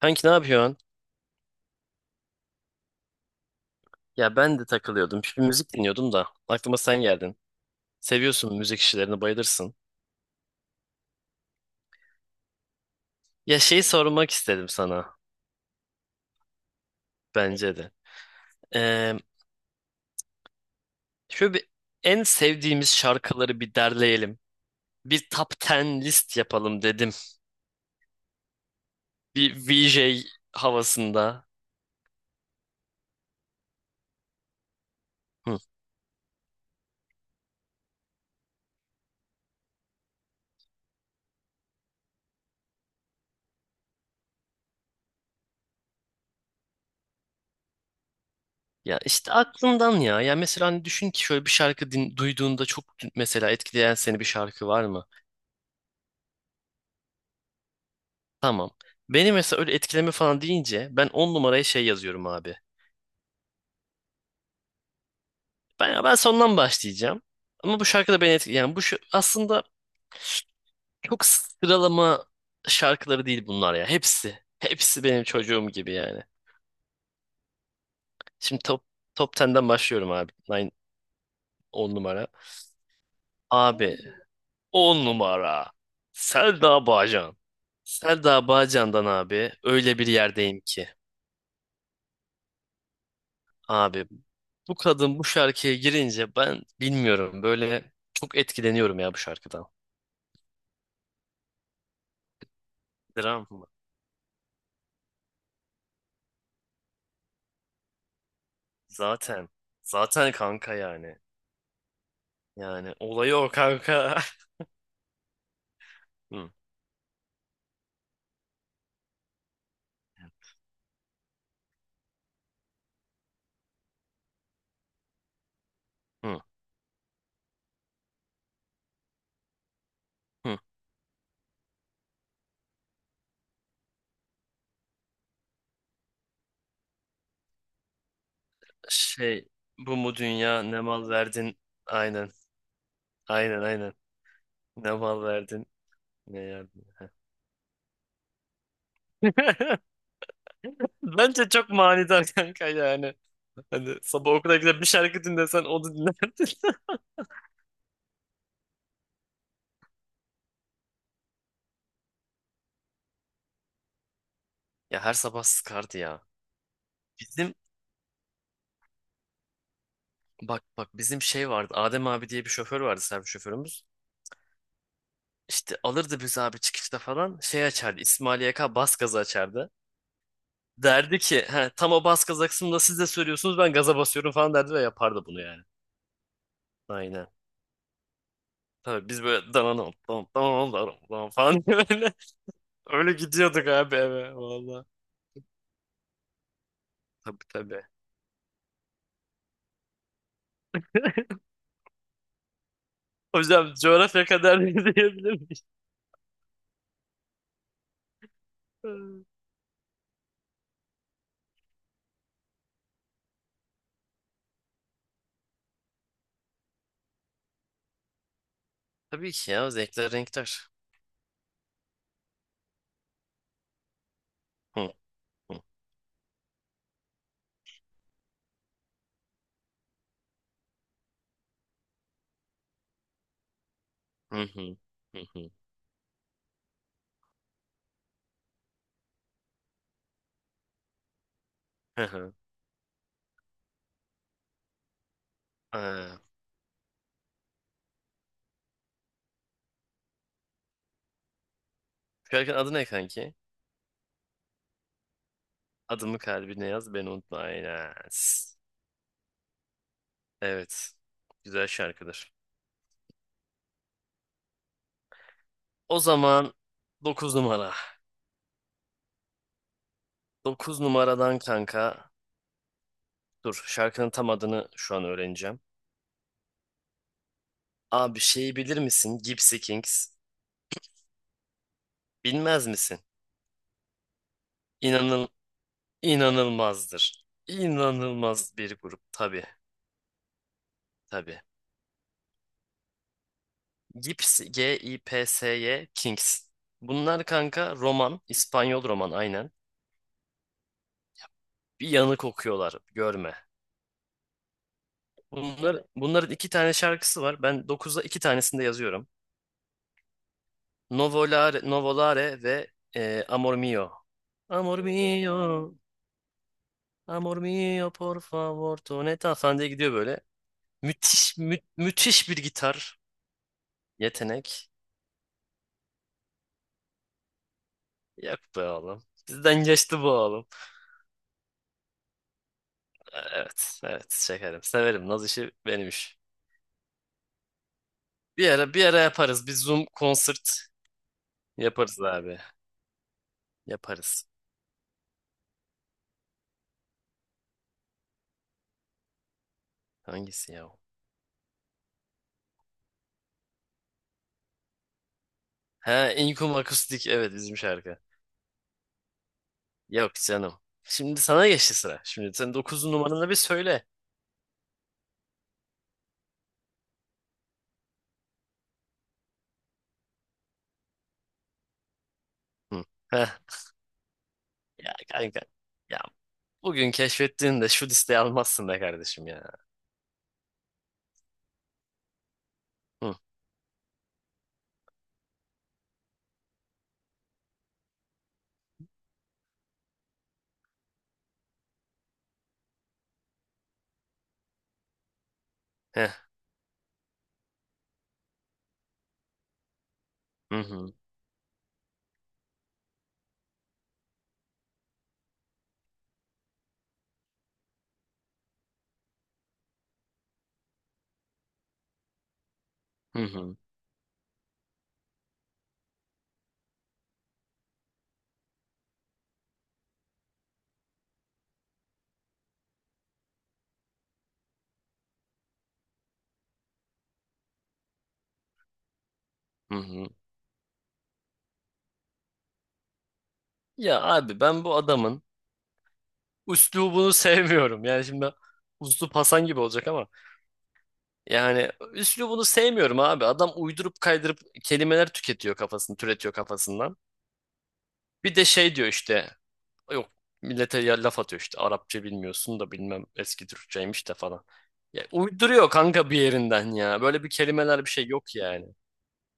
Kanki ne yapıyorsun? Ya ben de takılıyordum. Bir müzik dinliyordum da. Aklıma sen geldin. Seviyorsun müzik işlerini, bayılırsın. Ya şey sormak istedim sana. Bence de. Ee, şöyle bir en sevdiğimiz şarkıları bir derleyelim. Bir top 10 list yapalım dedim. Bir VJ havasında. Hı. Ya işte aklından ya. Ya mesela hani düşün ki şöyle bir şarkı duyduğunda çok mesela etkileyen seni bir şarkı var mı? Tamam. Beni mesela öyle etkileme falan deyince ben 10 numaraya şey yazıyorum abi. Ben sondan başlayacağım. Ama bu şarkı da beni etkiledi. Yani bu şu, aslında çok sıralama şarkıları değil bunlar ya. Hepsi. Hepsi benim çocuğum gibi yani. Şimdi top 10'den başlıyorum abi. 10 numara. Abi 10 numara. Selda Bağcan. Selda Bağcan'dan abi öyle bir yerdeyim ki. Abi bu kadın bu şarkıya girince ben bilmiyorum böyle çok etkileniyorum ya bu şarkıdan. Dram mı? Zaten. Zaten kanka yani. Yani olayı o kanka. Hı, hı, hı. Şey bu mu dünya ne mal verdin? Aynen. Aynen, aynen. Ne mal verdin? Ne yardım. Bence çok manidar kanka yani. Hani sabah okula gidip bir şarkı dinlesen onu dinlerdin. Ya her sabah sıkardı ya. Bizim bak bak bizim şey vardı. Adem abi diye bir şoför vardı, servis şoförümüz. İşte alırdı bizi abi, çıkışta falan şey açardı. İsmail YK bas gazı açardı. Derdi ki he, tam o bas gaza kısmında siz de söylüyorsunuz, ben gaza basıyorum falan derdi ve yapardı bunu yani. Aynen. Tabii biz böyle dananam dam dananam dananam dam falan diye böyle öyle gidiyorduk abi eve valla. Tabii, tabii. Hocam coğrafya kadar diyebilir miyiz? Tabii ki ya, zevkler renkler. Hı hı, hı hı, hı hı. Hı hı. Aa, şarkının adı ne kanki? Adımı kalbine yaz, beni unutma. Aynen. Evet. Güzel şarkıdır. O zaman 9 numara. 9 numaradan kanka. Dur, şarkının tam adını şu an öğreneceğim. Abi şeyi bilir misin? Gypsy Kings. Bilmez misin? İnanıl inanılmazdır. İnanılmaz bir grup. Tabii, tabii. Gypsy, G-I-P-S-Y Kings. Bunlar kanka roman. İspanyol roman, aynen. Bir yanık okuyorlar. Görme. Bunların iki tane şarkısı var. Ben dokuzda iki tanesini de yazıyorum. Novolare, Novolare ve Amor Mio. Amor mio. Amor mio, por favor, toneta falan diye gidiyor böyle. Müthiş, müthiş bir gitar yetenek. Yok be oğlum. Bizden geçti bu oğlum. Evet, evet şekerim. Severim. Naz işi benim iş. Bir ara, bir ara yaparız. Bir Zoom konsert yaparız abi. Yaparız. Hangisi ya o? Ha, İnkum Akustik. Evet, bizim şarkı. Yok canım. Şimdi sana geçti sıra. Şimdi sen 9 numaranı bir söyle. Hı. Heh. Ya kanka. Ya bugün keşfettiğinde şu listeyi almazsın be kardeşim ya. Hı, heh, hı hı, hı hı, hı hı. Ya abi, ben bu adamın üslubunu sevmiyorum. Yani şimdi üslup Hasan gibi olacak ama yani üslubunu sevmiyorum abi. Adam uydurup kaydırıp kelimeler tüketiyor kafasını, türetiyor kafasından. Bir de şey diyor işte, yok millete ya laf atıyor işte, Arapça bilmiyorsun da bilmem eski Türkçeymiş de falan. Ya uyduruyor kanka bir yerinden ya. Böyle bir kelimeler, bir şey yok yani.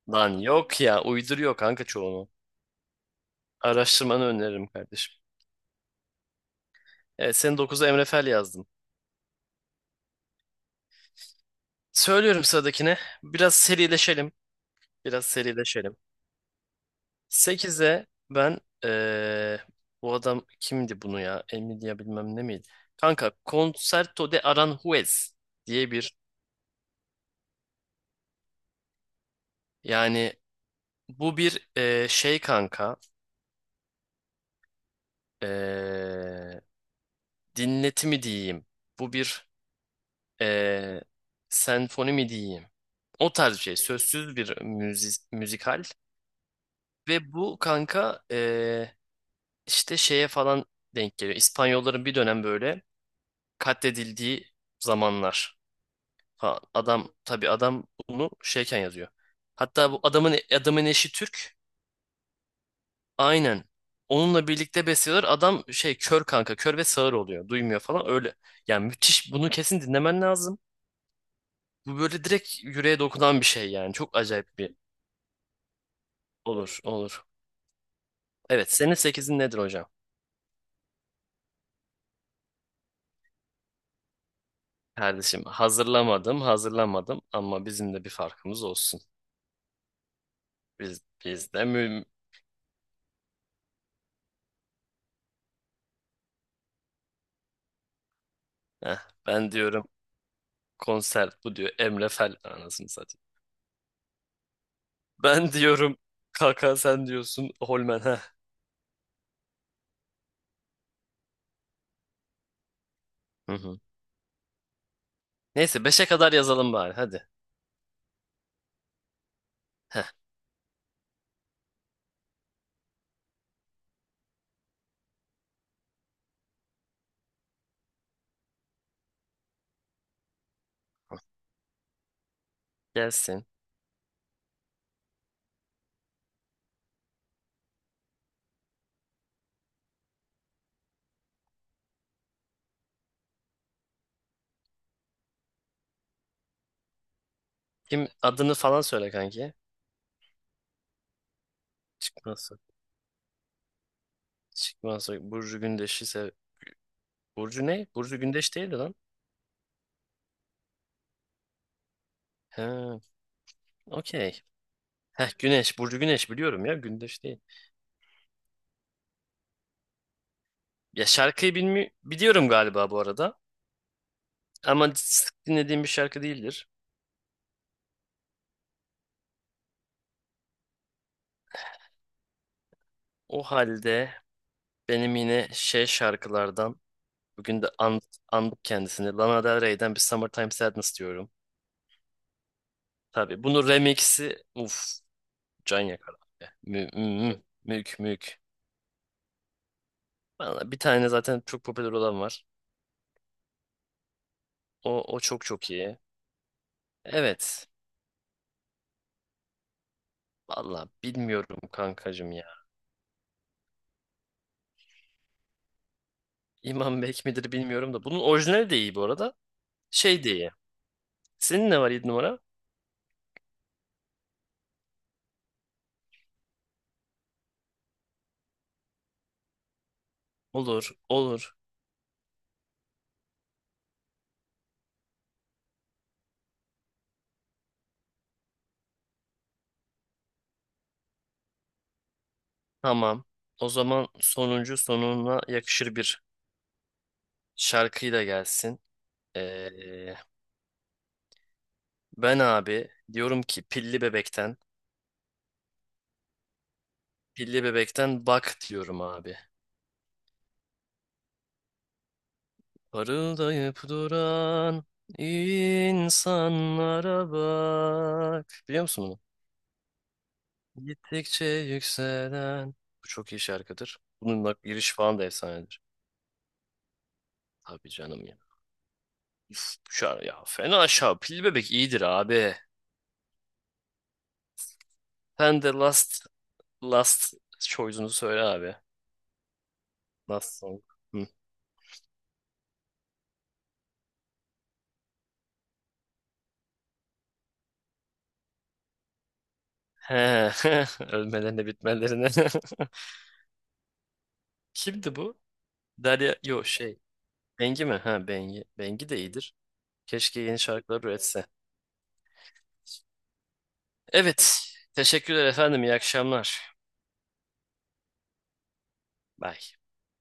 Lan yok ya, uyduruyor kanka çoğunu. Araştırmanı öneririm kardeşim. Evet, senin 9'a Emre Fel yazdım. Söylüyorum sıradakine. Biraz serileşelim. Biraz serileşelim. Sekize ben bu adam kimdi bunu ya? Emilia bilmem ne miydi? Kanka Concerto de Aranjuez diye bir yani bu bir şey kanka eee dinleti mi diyeyim? Bu bir eee senfoni mi diyeyim? O tarz bir şey. Sözsüz bir müzik, müzikal. Ve bu kanka İşte şeye falan denk geliyor. İspanyolların bir dönem böyle katledildiği zamanlar falan. Adam tabii adam bunu şeyken yazıyor. Hatta bu adamın eşi Türk. Aynen. Onunla birlikte besliyorlar. Adam şey kör kanka, kör ve sağır oluyor. Duymuyor falan öyle. Yani müthiş. Bunu kesin dinlemen lazım. Bu böyle direkt yüreğe dokunan bir şey yani. Çok acayip bir olur, olur. Evet, senin sekizin nedir hocam? Kardeşim hazırlamadım, hazırlamadım ama bizim de bir farkımız olsun. Biz de mü... Heh, ben diyorum konser bu diyor Emre Fel anasını satayım. Ben diyorum kaka, sen diyorsun Holmen. Heh. Hı hı. Neyse beşe kadar yazalım bari hadi. Heh, gelsin. Kim adını falan söyle kanki. Çıkmaz Soy- Çıkmazsa Burcu Gündeş'i sev. Burcu ne? Burcu Gündeş değildi lan. He, okey. Heh, Güneş. Burcu Güneş biliyorum ya. Gündeş değil. Ya şarkıyı biliyorum galiba bu arada. Ama sık dinlediğim bir şarkı değildir. O halde benim yine şey şarkılardan bugün de andık kendisini. Lana Del Rey'den bir Summertime Sadness diyorum. Tabii bunun remix'i, uf, can yakar abi. Mü, mü, mü- mük mük. Valla bir tane zaten çok popüler olan var. O, o çok çok iyi. Evet. Valla bilmiyorum kankacım ya. İmam Bek midir bilmiyorum da. Bunun orijinali de iyi bu arada. Şey de iyi. Senin ne var yedi numara? Olur, olur. Tamam. O zaman sonuncu sonuna yakışır bir şarkıyla gelsin. Ee, ben abi diyorum ki pilli bebekten, pilli bebekten bak diyorum abi. Parıldayıp duran insanlara bak. Biliyor musun bunu? Gittikçe yükselen. Bu çok iyi şarkıdır. Bunun bak giriş falan da efsanedir. Tabii canım ya. Üf, şar ya fena aşağı. Pilli bebek iyidir abi. Sen de last choice'unu söyle abi. Last song. Hı. He, ölmelerine bitmelerine. Kimdi bu? Derya, yo şey. Bengi mi? Ha, Bengi. Bengi de iyidir. Keşke yeni şarkılar üretse. Evet. Teşekkürler efendim. İyi akşamlar. Bye.